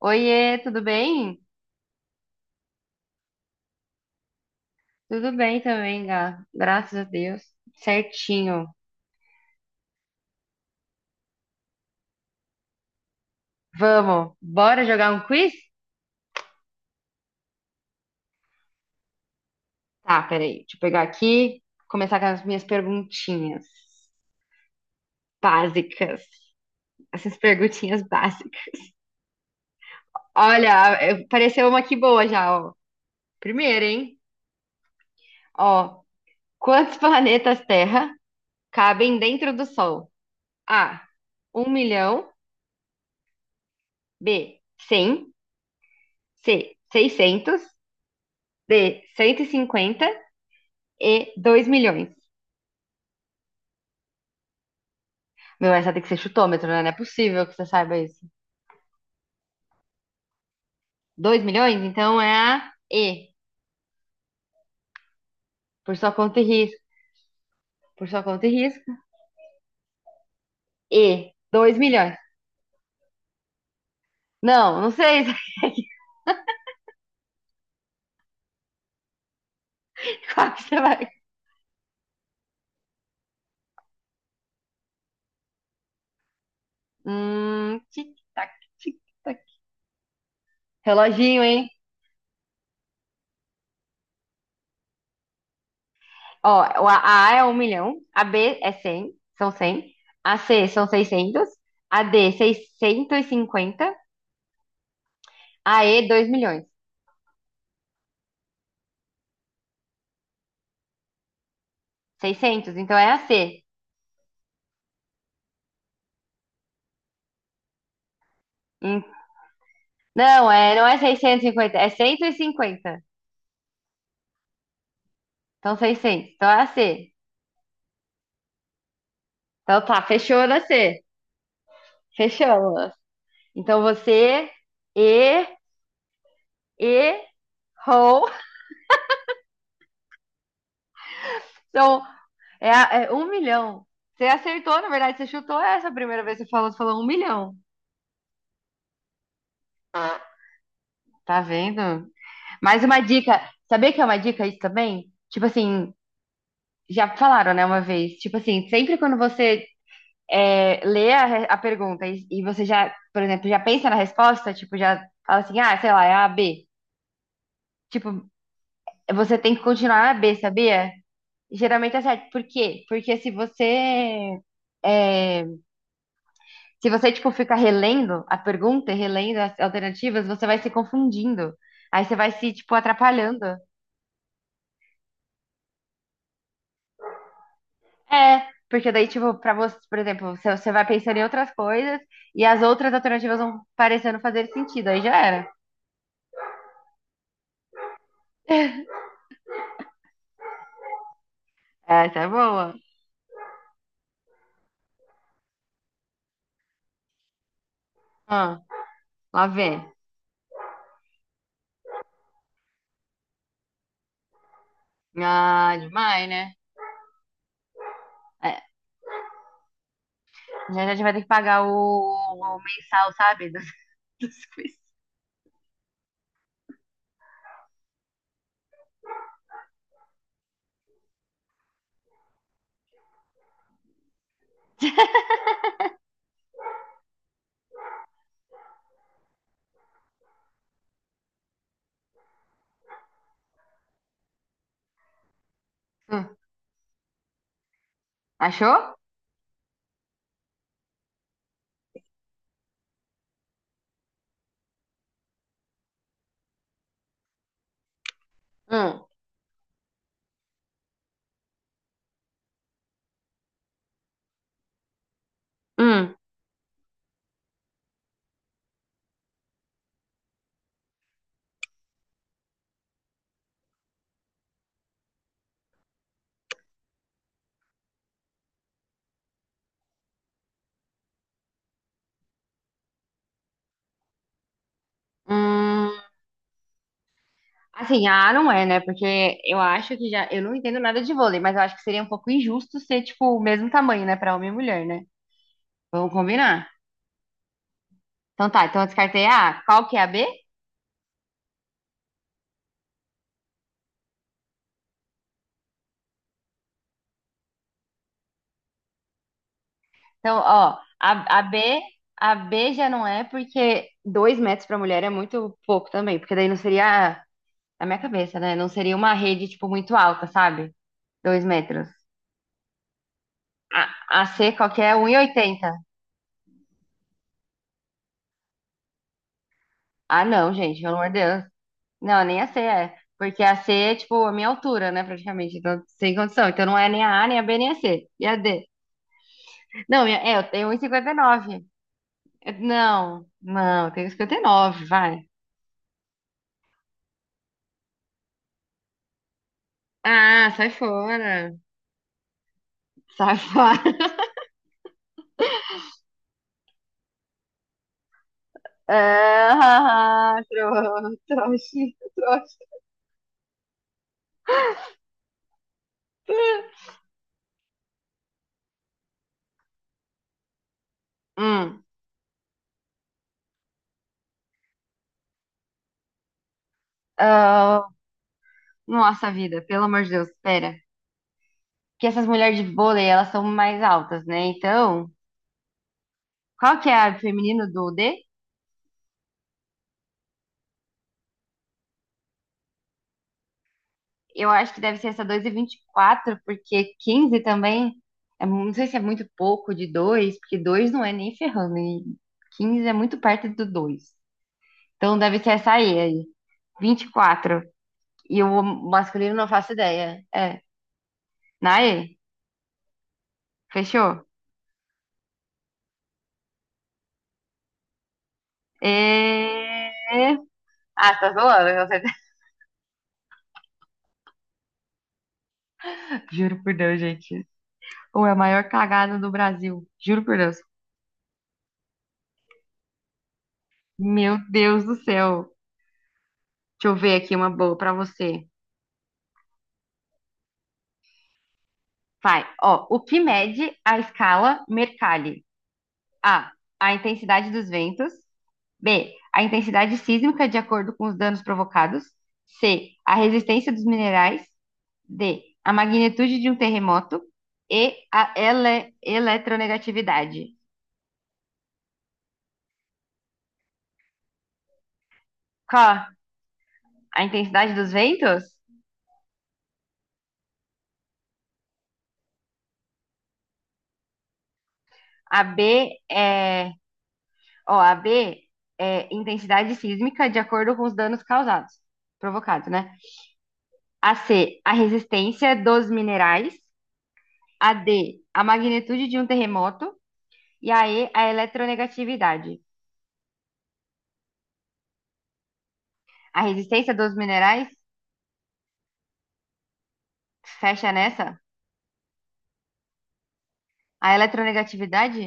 Oiê, tudo bem? Tudo bem também, Gá. Graças a Deus. Certinho. Vamos, bora jogar um quiz? Tá, peraí. Deixa eu pegar aqui, começar com as minhas perguntinhas básicas. Essas perguntinhas básicas. Olha, pareceu uma aqui boa já, ó. Primeiro, hein? Ó, quantos planetas Terra cabem dentro do Sol? A, um milhão. B, 100. C, 600. D, 150. E 2 milhões. Meu, essa tem que ser chutômetro, né? Não é possível que você saiba isso. Dois milhões? Então é a E, por sua conta e risco. Por sua conta e risco. E, dois milhões. Não, não sei qual que você vai. Tic-tac, tic-tac. Reloginho, hein? Ó, a A é um milhão, a B é cem, são cem, a C são seiscentos, a D 650, a E 2 milhões. Seiscentos, então é a C. Em- Não, é, não é 650, é cento e cinquenta. Então, seiscentos. Então, é a C. Então, tá, fechou na C. Fechamos. Então, você, e, e, rou, são, é um milhão. Você acertou, na verdade, você chutou essa primeira vez que você falou um milhão. Tá vendo? Mais uma dica. Sabia que é uma dica isso também? Tipo assim, já falaram, né, uma vez. Tipo assim, sempre quando você lê a, a pergunta e você já, por exemplo, já pensa na resposta, tipo, já fala assim, ah, sei lá, é a B. Tipo, você tem que continuar na B, sabia? Geralmente é certo. Por quê? Porque se você é, se você, tipo, fica relendo a pergunta e relendo as alternativas, você vai se confundindo. Aí você vai se, tipo, atrapalhando. É, porque daí, tipo, pra você, por exemplo, você vai pensando em outras coisas e as outras alternativas vão parecendo fazer sentido. Aí já era. Essa é boa. Ah. Lá vem. Ah, demais, né? É, já já a gente vai ter que pagar o mensal, sabe? Dos quiz. Hum, achou? Hum, hum, hum. Assim, ah, não é, né? Porque eu acho que já. Eu não entendo nada de vôlei, mas eu acho que seria um pouco injusto ser, tipo, o mesmo tamanho, né? Pra homem e mulher, né? Vamos combinar. Então tá, então eu descartei a A. Qual que é a B? Então, ó, a B. A B já não é porque dois metros pra mulher é muito pouco também, porque daí não seria na minha cabeça, né? Não seria uma rede, tipo, muito alta, sabe? 2 metros. A, a C qualquer é 1,80. Ah, não, gente, pelo amor de Deus. Não, nem a C é. Porque a C é, tipo, a minha altura, né, praticamente. Então, sem condição. Então, não é nem a A, nem a B, nem a C. E a D? Não, é, eu tenho 1,59. Não, não, eu tenho 1,59. Vai. Ah, sai fora. Sai fora. Ah, trouxa, trouxa. Hum. Ah, nossa vida, pelo amor de Deus, pera. Que essas mulheres de vôlei, elas são mais altas, né? Então, qual que é a feminino do D? Eu acho que deve ser essa dois e 24 porque 15 também, não sei se é muito pouco de dois porque 2 não é nem ferrando, e 15 é muito perto do dois. Então deve ser essa aí, 24. E quatro. E o masculino não faço ideia. É, Naê, fechou? E. Ah, você tá zoando, você. Juro por Deus, gente. Ou é a maior cagada do Brasil. Juro por Deus. Meu Deus do céu. Deixa eu ver aqui uma boa pra você. Vai. Ó, o que mede a escala Mercalli? A. A intensidade dos ventos. B. A intensidade sísmica de acordo com os danos provocados. C. A resistência dos minerais. D. A magnitude de um terremoto. E. A eletronegatividade. Qual? A intensidade dos ventos? A B é Ó, a B é intensidade sísmica de acordo com os danos causados, provocados, né? A C, a resistência dos minerais. A D, a magnitude de um terremoto. E, a eletronegatividade. A resistência dos minerais, fecha nessa? A eletronegatividade?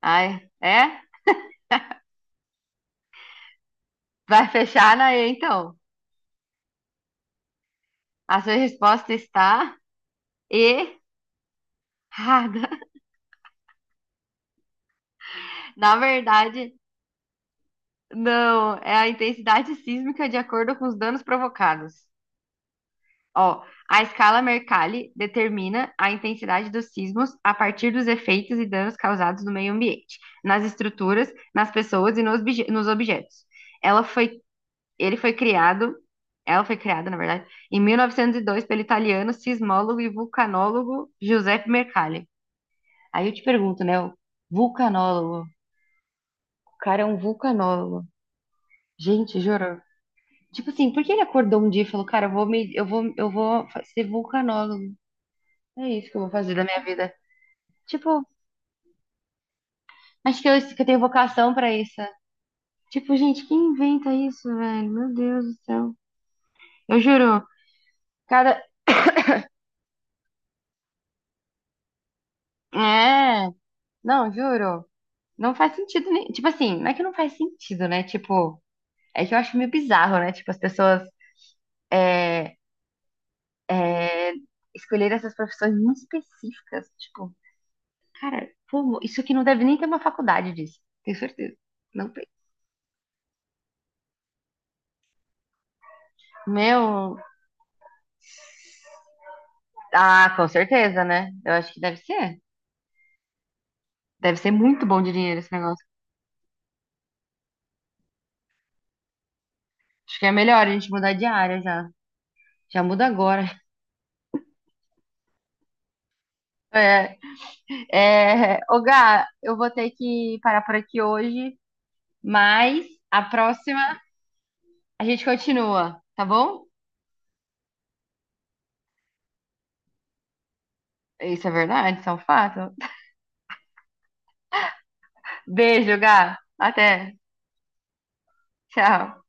Ai, é? Vai fechar na E, então. A sua resposta está errada. Na verdade, não. É a intensidade sísmica de acordo com os danos provocados. Ó, a escala Mercalli determina a intensidade dos sismos a partir dos efeitos e danos causados no meio ambiente, nas estruturas, nas pessoas e nos, nos objetos. Ela foi, ele foi criado, ela foi criada, na verdade, em 1902 pelo italiano sismólogo e vulcanólogo Giuseppe Mercalli. Aí eu te pergunto, né, o vulcanólogo, o cara é um vulcanólogo. Gente, juro. Tipo assim, por que ele acordou um dia e falou, cara, eu vou me, eu vou fa- ser vulcanólogo? É isso que eu vou fazer da minha vida. Tipo, acho que eu tenho vocação pra isso. Tipo, gente, quem inventa isso, velho? Meu Deus do céu. Eu juro, cada. É, não, juro. Não faz sentido nem. Tipo assim, não é que não faz sentido, né? Tipo, é que eu acho meio bizarro, né? Tipo, as pessoas é, é, escolherem essas profissões muito específicas. Tipo, cara, como? Isso aqui não deve nem ter uma faculdade disso. Tenho certeza. Não tem. Meu. Ah, com certeza, né? Eu acho que deve ser. Deve ser muito bom de dinheiro esse negócio. Acho que é melhor a gente mudar de área já. Já muda agora. É, ô Gá, eu vou ter que parar por aqui hoje, mas a próxima a gente continua, tá bom? Isso é verdade, isso é um fato. Beijo, Gá. Até. Tchau.